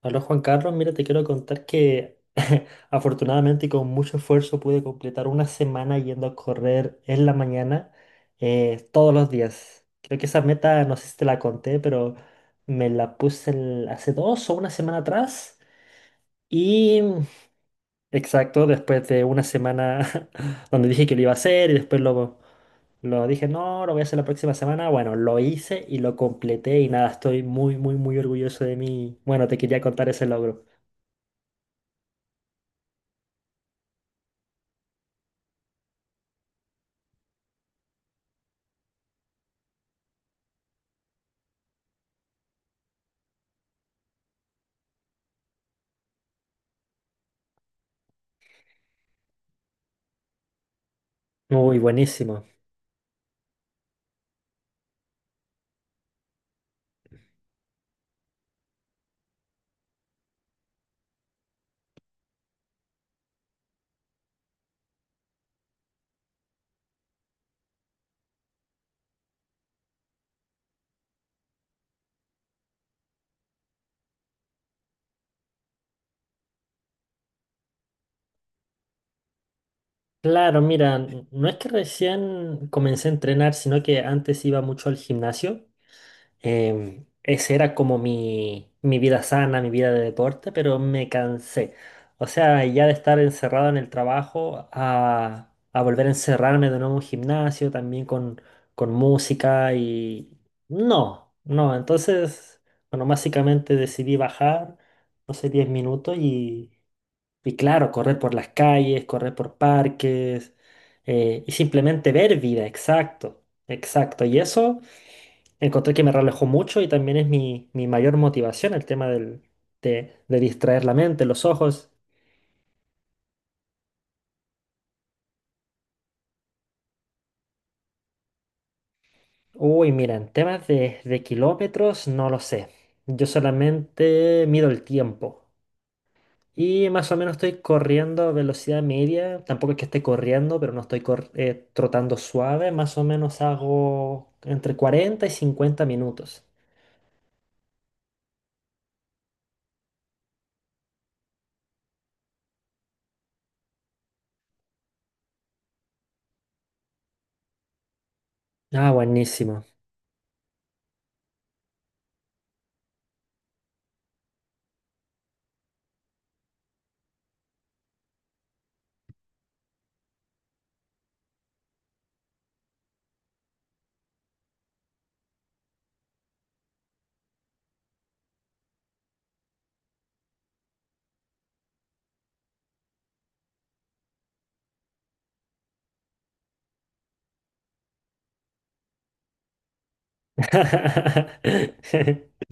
Hola Juan Carlos, mira, te quiero contar que afortunadamente y con mucho esfuerzo pude completar una semana yendo a correr en la mañana, todos los días. Creo que esa meta, no sé si te la conté, pero me la puse hace dos o una semana atrás. Y exacto, después de una semana donde dije que lo iba a hacer y después lo dije, no, lo voy a hacer la próxima semana. Bueno, lo hice y lo completé y nada, estoy muy, muy, muy orgulloso de mí. Bueno, te quería contar ese logro. Uy, buenísimo. Claro, mira, no es que recién comencé a entrenar, sino que antes iba mucho al gimnasio. Ese era como mi vida sana, mi vida de deporte, pero me cansé. O sea, ya de estar encerrado en el trabajo a volver a encerrarme de nuevo en un gimnasio, también con música y… No, no, entonces, bueno, básicamente decidí bajar, no sé, 10 minutos. Y claro, correr por las calles, correr por parques, y simplemente ver vida, exacto, exacto. Y eso encontré que me relajó mucho y también es mi mayor motivación, el tema de distraer la mente, los ojos. Uy, mira, en temas de kilómetros, no lo sé. Yo solamente mido el tiempo. Y más o menos estoy corriendo a velocidad media. Tampoco es que esté corriendo, pero no estoy trotando suave. Más o menos hago entre 40 y 50 minutos. Ah, buenísimo.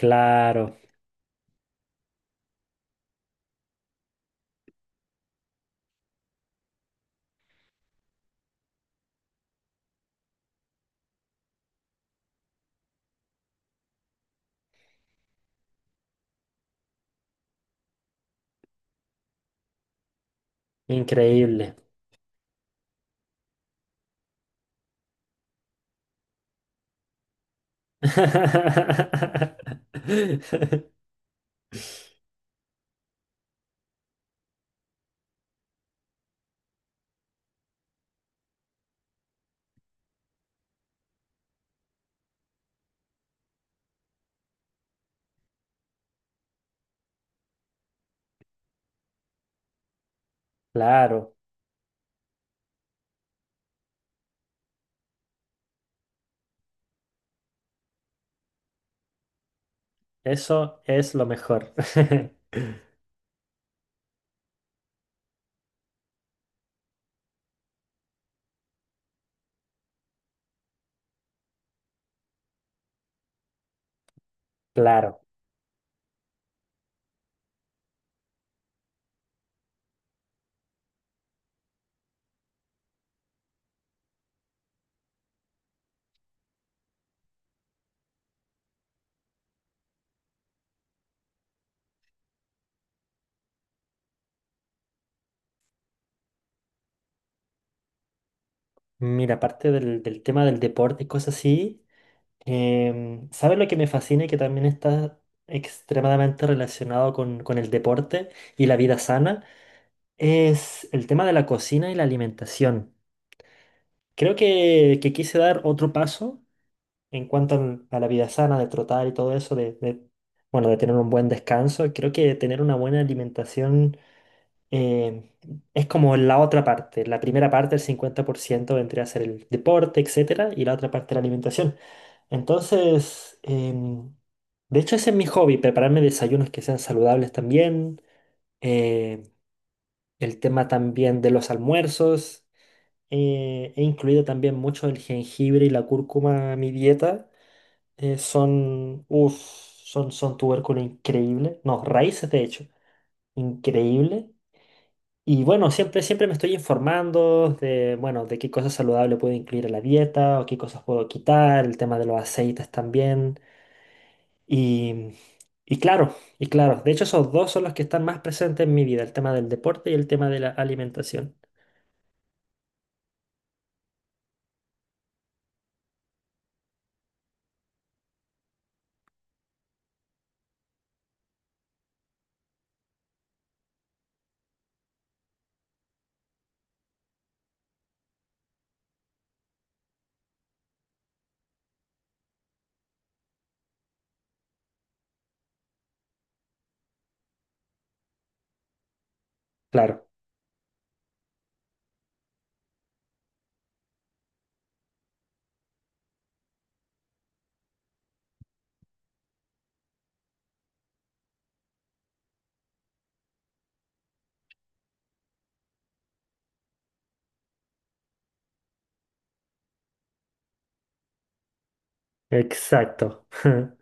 Claro, increíble. Claro, eso es lo mejor. Claro. Mira, aparte del tema del deporte y cosas así. ¿Sabes lo que me fascina y que también está extremadamente relacionado con el deporte y la vida sana? Es el tema de la cocina y la alimentación. Creo que quise dar otro paso en cuanto a la vida sana, de trotar y todo eso, bueno, de tener un buen descanso. Creo que tener una buena alimentación, eh, es como la otra parte. La primera parte, el 50%, vendría a ser el deporte, etcétera, y la otra parte, la alimentación. Entonces, de hecho, ese es mi hobby, prepararme desayunos que sean saludables también. eh, el tema también de los almuerzos. He incluido también mucho el jengibre y la cúrcuma a mi dieta. Son, uf, son tubérculo increíble. No, raíces de hecho, increíble. Y bueno, siempre, siempre me estoy informando de, bueno, de qué cosas saludables puedo incluir en la dieta o qué cosas puedo quitar, el tema de los aceites también. Y, y claro, de hecho esos dos son los que están más presentes en mi vida, el tema del deporte y el tema de la alimentación. Claro, exacto.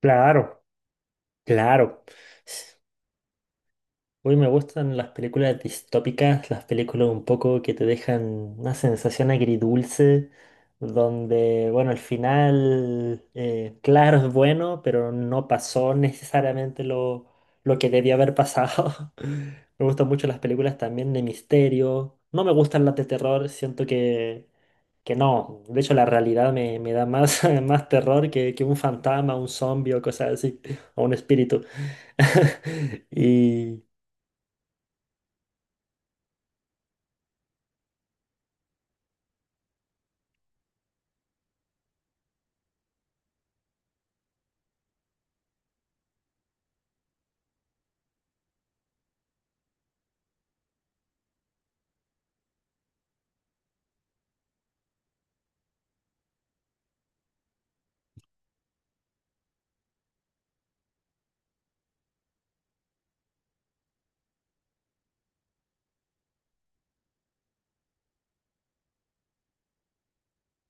Claro, claro. Hoy me gustan las películas distópicas, las películas un poco que te dejan una sensación agridulce, donde, bueno, al final, claro, es bueno, pero no pasó necesariamente lo que debía haber pasado. Me gustan mucho las películas también de misterio. No me gustan las de terror, siento que no. De hecho, la realidad me da más, más terror que un fantasma, un zombie o cosas así, o un espíritu. Y.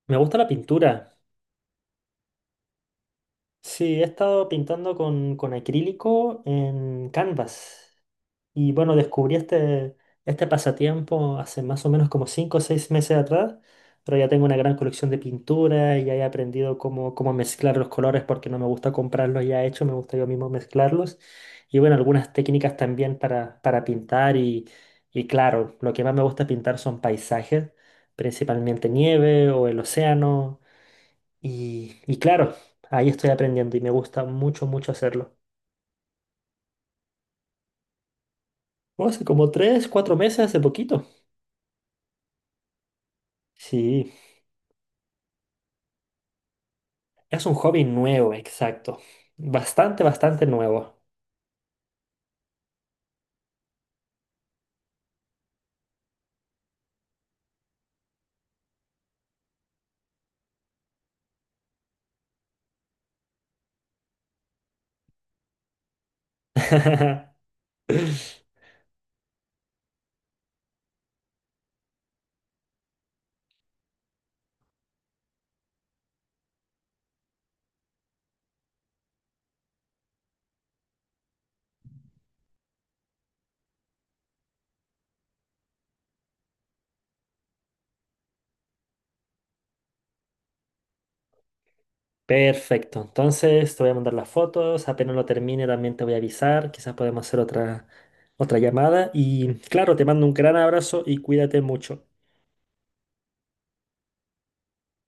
Me gusta la pintura. Sí, he estado pintando con acrílico en Canvas. Y bueno, descubrí este pasatiempo hace más o menos como 5 o 6 meses atrás, pero ya tengo una gran colección de pintura y ya he aprendido cómo, cómo mezclar los colores porque no me gusta comprarlos ya hechos, me gusta yo mismo mezclarlos. Y bueno, algunas técnicas también para pintar y claro, lo que más me gusta pintar son paisajes, principalmente nieve o el océano. Y claro, ahí estoy aprendiendo y me gusta mucho, mucho hacerlo. Bueno, hace como 3, 4 meses, hace poquito. Sí, es un hobby nuevo, exacto. Bastante, bastante nuevo. Perfecto, entonces te voy a mandar las fotos, apenas lo termine también te voy a avisar, quizás podemos hacer otra, otra llamada y claro, te mando un gran abrazo y cuídate mucho.